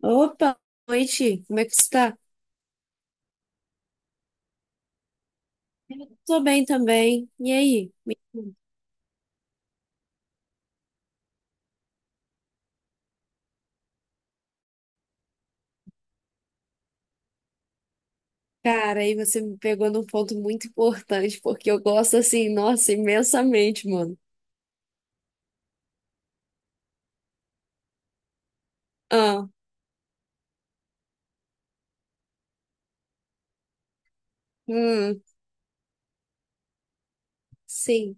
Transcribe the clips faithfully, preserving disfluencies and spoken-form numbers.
Opa, boa noite. Como é que você tá? Eu tô bem também. E aí? Me- Cara, aí você me pegou num ponto muito importante, porque eu gosto assim, nossa, imensamente, mano. Ah, hum, sim.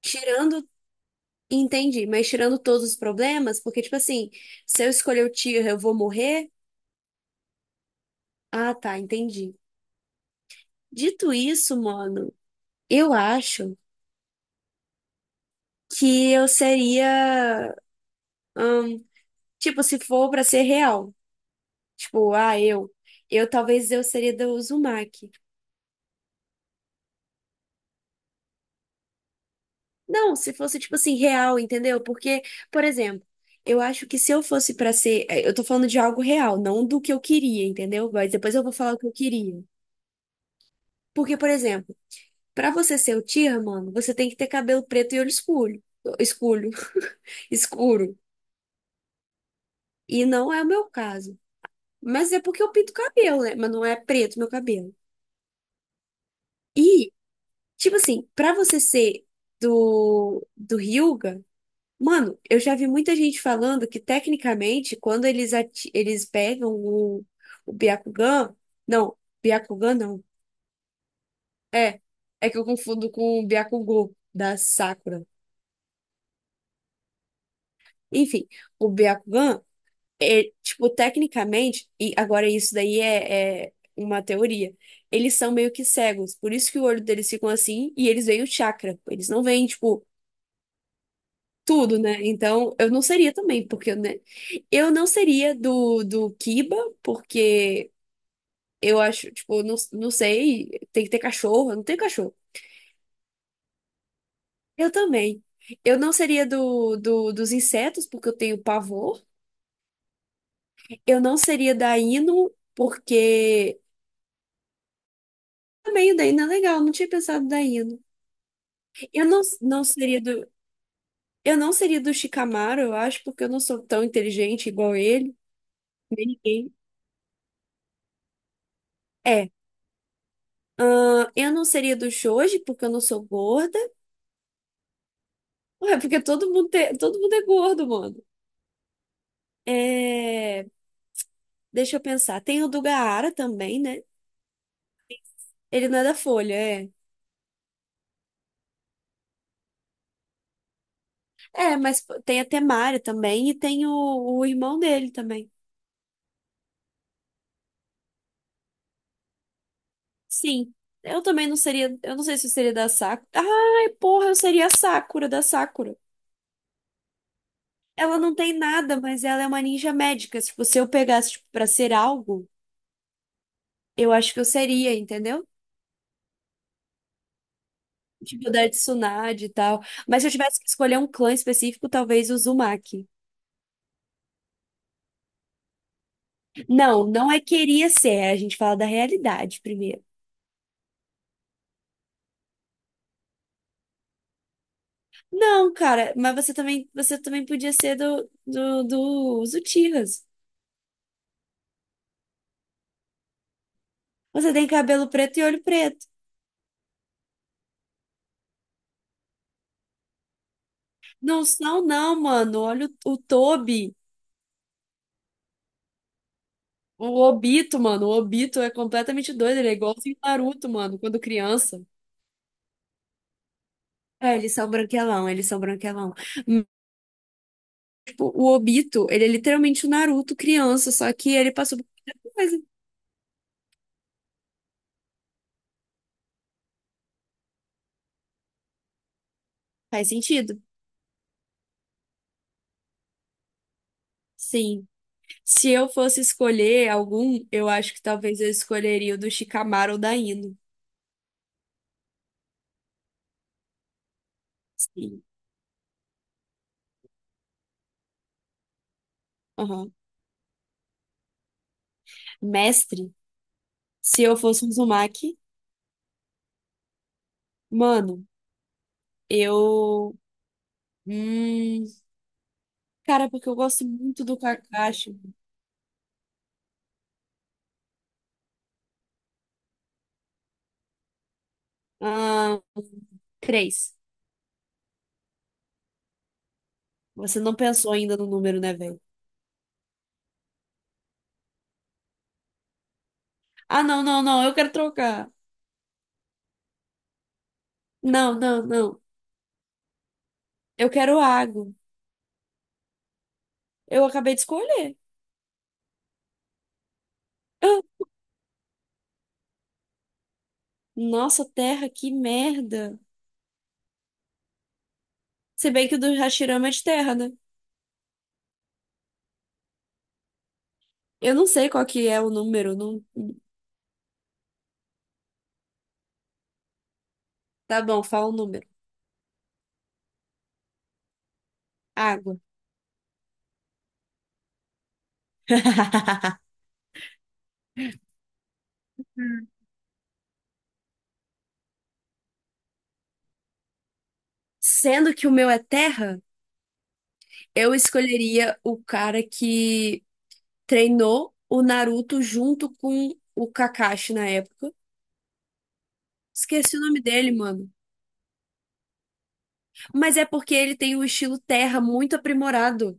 Tirando, entendi, mas tirando todos os problemas, porque, tipo assim, se eu escolher o tiro, eu vou morrer? Ah, tá, entendi. Dito isso, mano, eu acho que eu seria, hum, tipo, se for pra ser real. Tipo, ah, eu. Eu talvez eu seria da Uzumaki. Não, se fosse, tipo assim, real, entendeu? Porque, por exemplo, eu acho que se eu fosse pra ser. eh, Eu tô falando de algo real, não do que eu queria, entendeu? Mas depois eu vou falar o que eu queria. Porque, por exemplo, pra você ser o Tira mano, você tem que ter cabelo preto e olho escuro. Escuro. Escuro. E não é o meu caso. Mas é porque eu pinto cabelo, né? Mas não é preto meu cabelo. E, tipo assim, pra você ser do, do Hyuga. Mano, eu já vi muita gente falando que, tecnicamente, quando eles, ati- eles pegam o, o Byakugan. Não, Byakugan não. É, é que eu confundo com o Byakugou da Sakura. Enfim, o Byakugan, é, tipo, tecnicamente, e agora isso daí é, é uma teoria. Eles são meio que cegos, por isso que o olho deles ficam assim e eles veem o chakra. Eles não veem, tipo. Tudo, né? Então, eu não seria também, porque, né? Eu não seria do, do Kiba, porque eu acho, tipo, não, não sei, tem que ter cachorro, eu não tenho cachorro. Eu também. Eu não seria do, do, dos insetos, porque eu tenho pavor. Eu não seria da Hino, porque também o da Hino é legal, não tinha pensado da Hino. Eu não, não seria do, eu não seria do Shikamaru, eu acho, porque eu não sou tão inteligente igual ele, nem ninguém. É. Ahn, eu não seria do shoji, porque eu não sou gorda. Ué, porque todo mundo, te- todo mundo é gordo, mano. É, deixa eu pensar. Tem o do Gaara também, né? Ele não é da Folha, é. É, mas pô, tem a Temária também e tem o, o irmão dele também. Sim. Eu também não seria. Eu não sei se eu seria da Sakura. Ai, porra, eu seria a Sakura da Sakura. Ela não tem nada, mas ela é uma ninja médica. Tipo, se eu pegasse, tipo, pra ser algo, eu acho que eu seria, entendeu? Tipo da Tsunade e tal. Mas se eu tivesse que escolher um clã específico, talvez o Uzumaki. Não, não é queria ser. A gente fala da realidade primeiro. Não, cara, mas você também, você também podia ser do, do, dos Uchihas. Você tem cabelo preto e olho preto. Não são, não, mano. Olha o, o Tobi. O Obito, mano. O Obito é completamente doido. Ele é igualzinho o Naruto, mano, quando criança. É, eles são branquelão, eles são branquelão. O, Obito, ele é literalmente o Naruto criança, só que ele passou por muita coisa. Faz sentido? Sim. Se eu fosse escolher algum, eu acho que talvez eu escolheria o do Shikamaru ou da Ino. Sim. Aham. Mestre, se eu fosse um Uzumaki, mano, eu. Hum... Cara, porque eu gosto muito do Kakashi. Ah, três. Você não pensou ainda no número, né, velho? Ah, não, não, não, eu quero trocar. Não, não, não. Eu quero água. Eu acabei de escolher. Ah, nossa, terra, que merda. Se bem que o do Hashirama é de terra, né? Eu não sei qual que é o número. Não... Tá bom, fala o número. Água. Sendo que o meu é terra, eu escolheria o cara que treinou o Naruto junto com o Kakashi na época. Esqueci o nome dele, mano. Mas é porque ele tem o estilo terra muito aprimorado.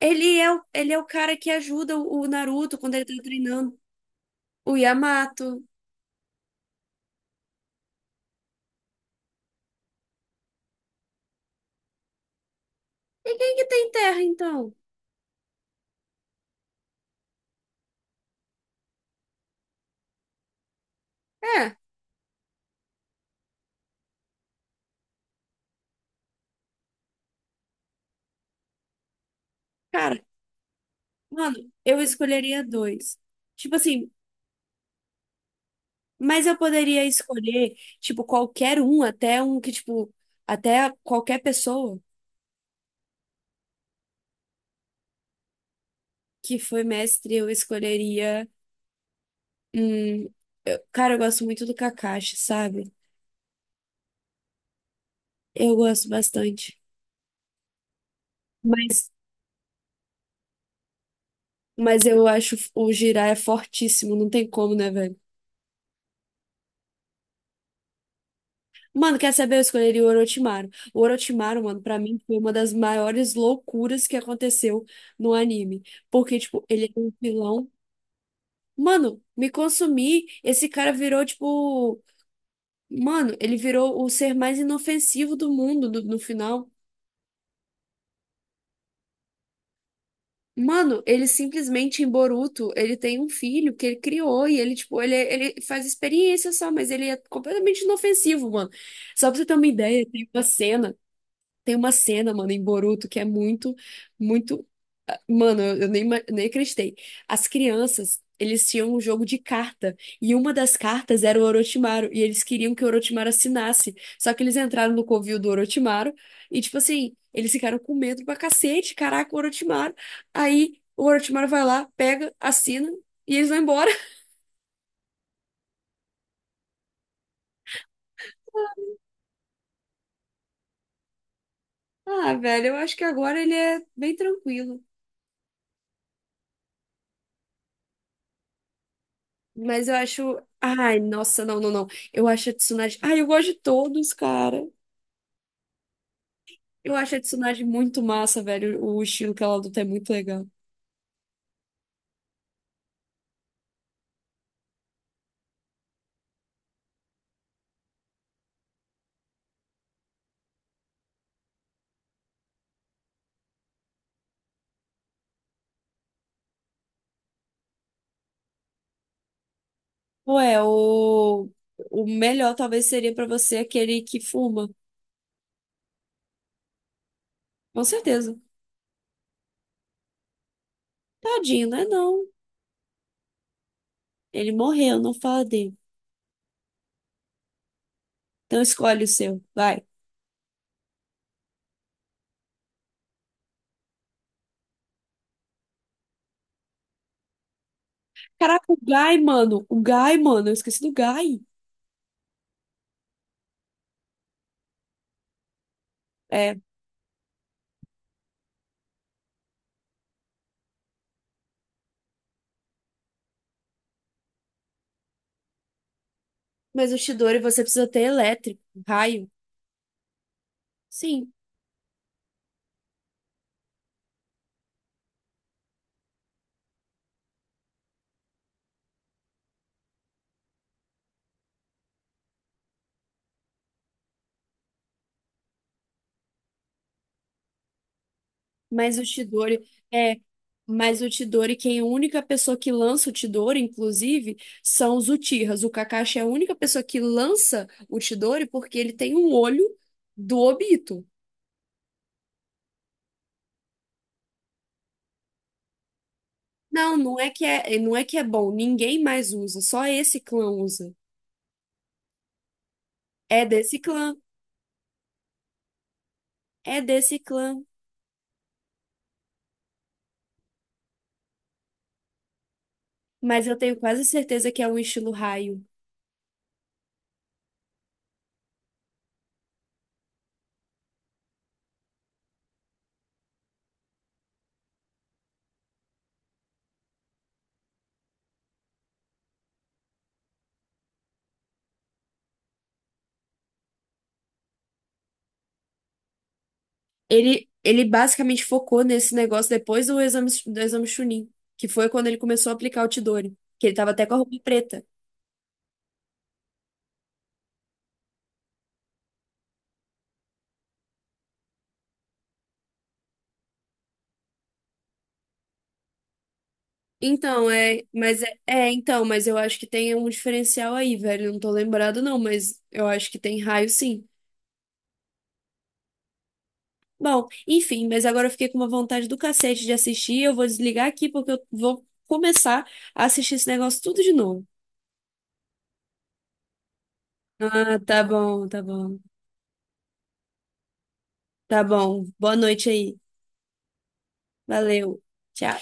Ele é o, ele é o cara que ajuda o o Naruto quando ele tá treinando. O Yamato. E quem que tem terra, então? É, cara, mano, eu escolheria dois. Tipo assim, mas eu poderia escolher, tipo, qualquer um, até um que, tipo, até qualquer pessoa que foi mestre, eu escolheria. Hum, eu- cara, eu gosto muito do Kakashi, sabe? Eu gosto bastante. Mas, mas eu acho o Jiraiya fortíssimo, não tem como, né, velho? Mano, quer saber? Eu escolheria o Orochimaru. O Orochimaru, mano, pra mim foi uma das maiores loucuras que aconteceu no anime. Porque, tipo, ele é um vilão. Mano, me consumi. Esse cara virou, tipo. Mano, ele virou o ser mais inofensivo do mundo do- no final. Mano, ele simplesmente em Boruto, ele tem um filho que ele criou e ele, tipo, ele, é, ele faz experiência só, mas ele é completamente inofensivo, mano. Só pra você ter uma ideia, tem uma cena. Tem uma cena, mano, em Boruto que é muito, muito. Mano, eu, eu nem, ima- nem acreditei. As crianças, eles tinham um jogo de carta. E uma das cartas era o Orochimaru. E eles queriam que o Orochimaru assinasse. Só que eles entraram no covil do Orochimaru. E, tipo assim, eles ficaram com medo pra cacete. Caraca, o Orochimaru. Aí o Orochimaru vai lá, pega, assina. E eles vão embora. Ah, velho, eu acho que agora ele é bem tranquilo. Mas eu acho. Ai, nossa, não, não, não. Eu acho a Tsunade. Ai, eu gosto de todos, cara. Eu acho a Tsunade muito massa, velho. O estilo que ela luta é muito legal. Ué, o, o melhor talvez seria pra você aquele que fuma. Com certeza. Tadinho, né? Não. Ele morreu, não fala dele. Então escolhe o seu. Vai. Caraca, o Guy, mano. O Guy, mano. Eu esqueci do Guy. É. Mas o Chidori você precisa ter elétrico, raio. Sim. Mas o Chidori é, mas o Chidori, quem é a única pessoa que lança o Chidori, inclusive, são os Uchihas. O Kakashi é a única pessoa que lança o Chidori porque ele tem um olho do Obito. Não, não é que é, não é que é bom, ninguém mais usa, só esse clã usa. É desse clã, é desse clã, mas eu tenho quase certeza que é um estilo raio. Ele ele basicamente focou nesse negócio depois do exame do exame Chunin, que foi quando ele começou a aplicar o Chidori. Que ele tava até com a roupa preta. Então, é, mas é, é, então, mas eu acho que tem um diferencial aí, velho. Eu não tô lembrado, não, mas eu acho que tem raio sim. Bom, enfim, mas agora eu fiquei com uma vontade do cacete de assistir. Eu vou desligar aqui porque eu vou começar a assistir esse negócio tudo de novo. Ah, tá bom, tá bom. Tá bom. Boa noite aí. Valeu. Tchau.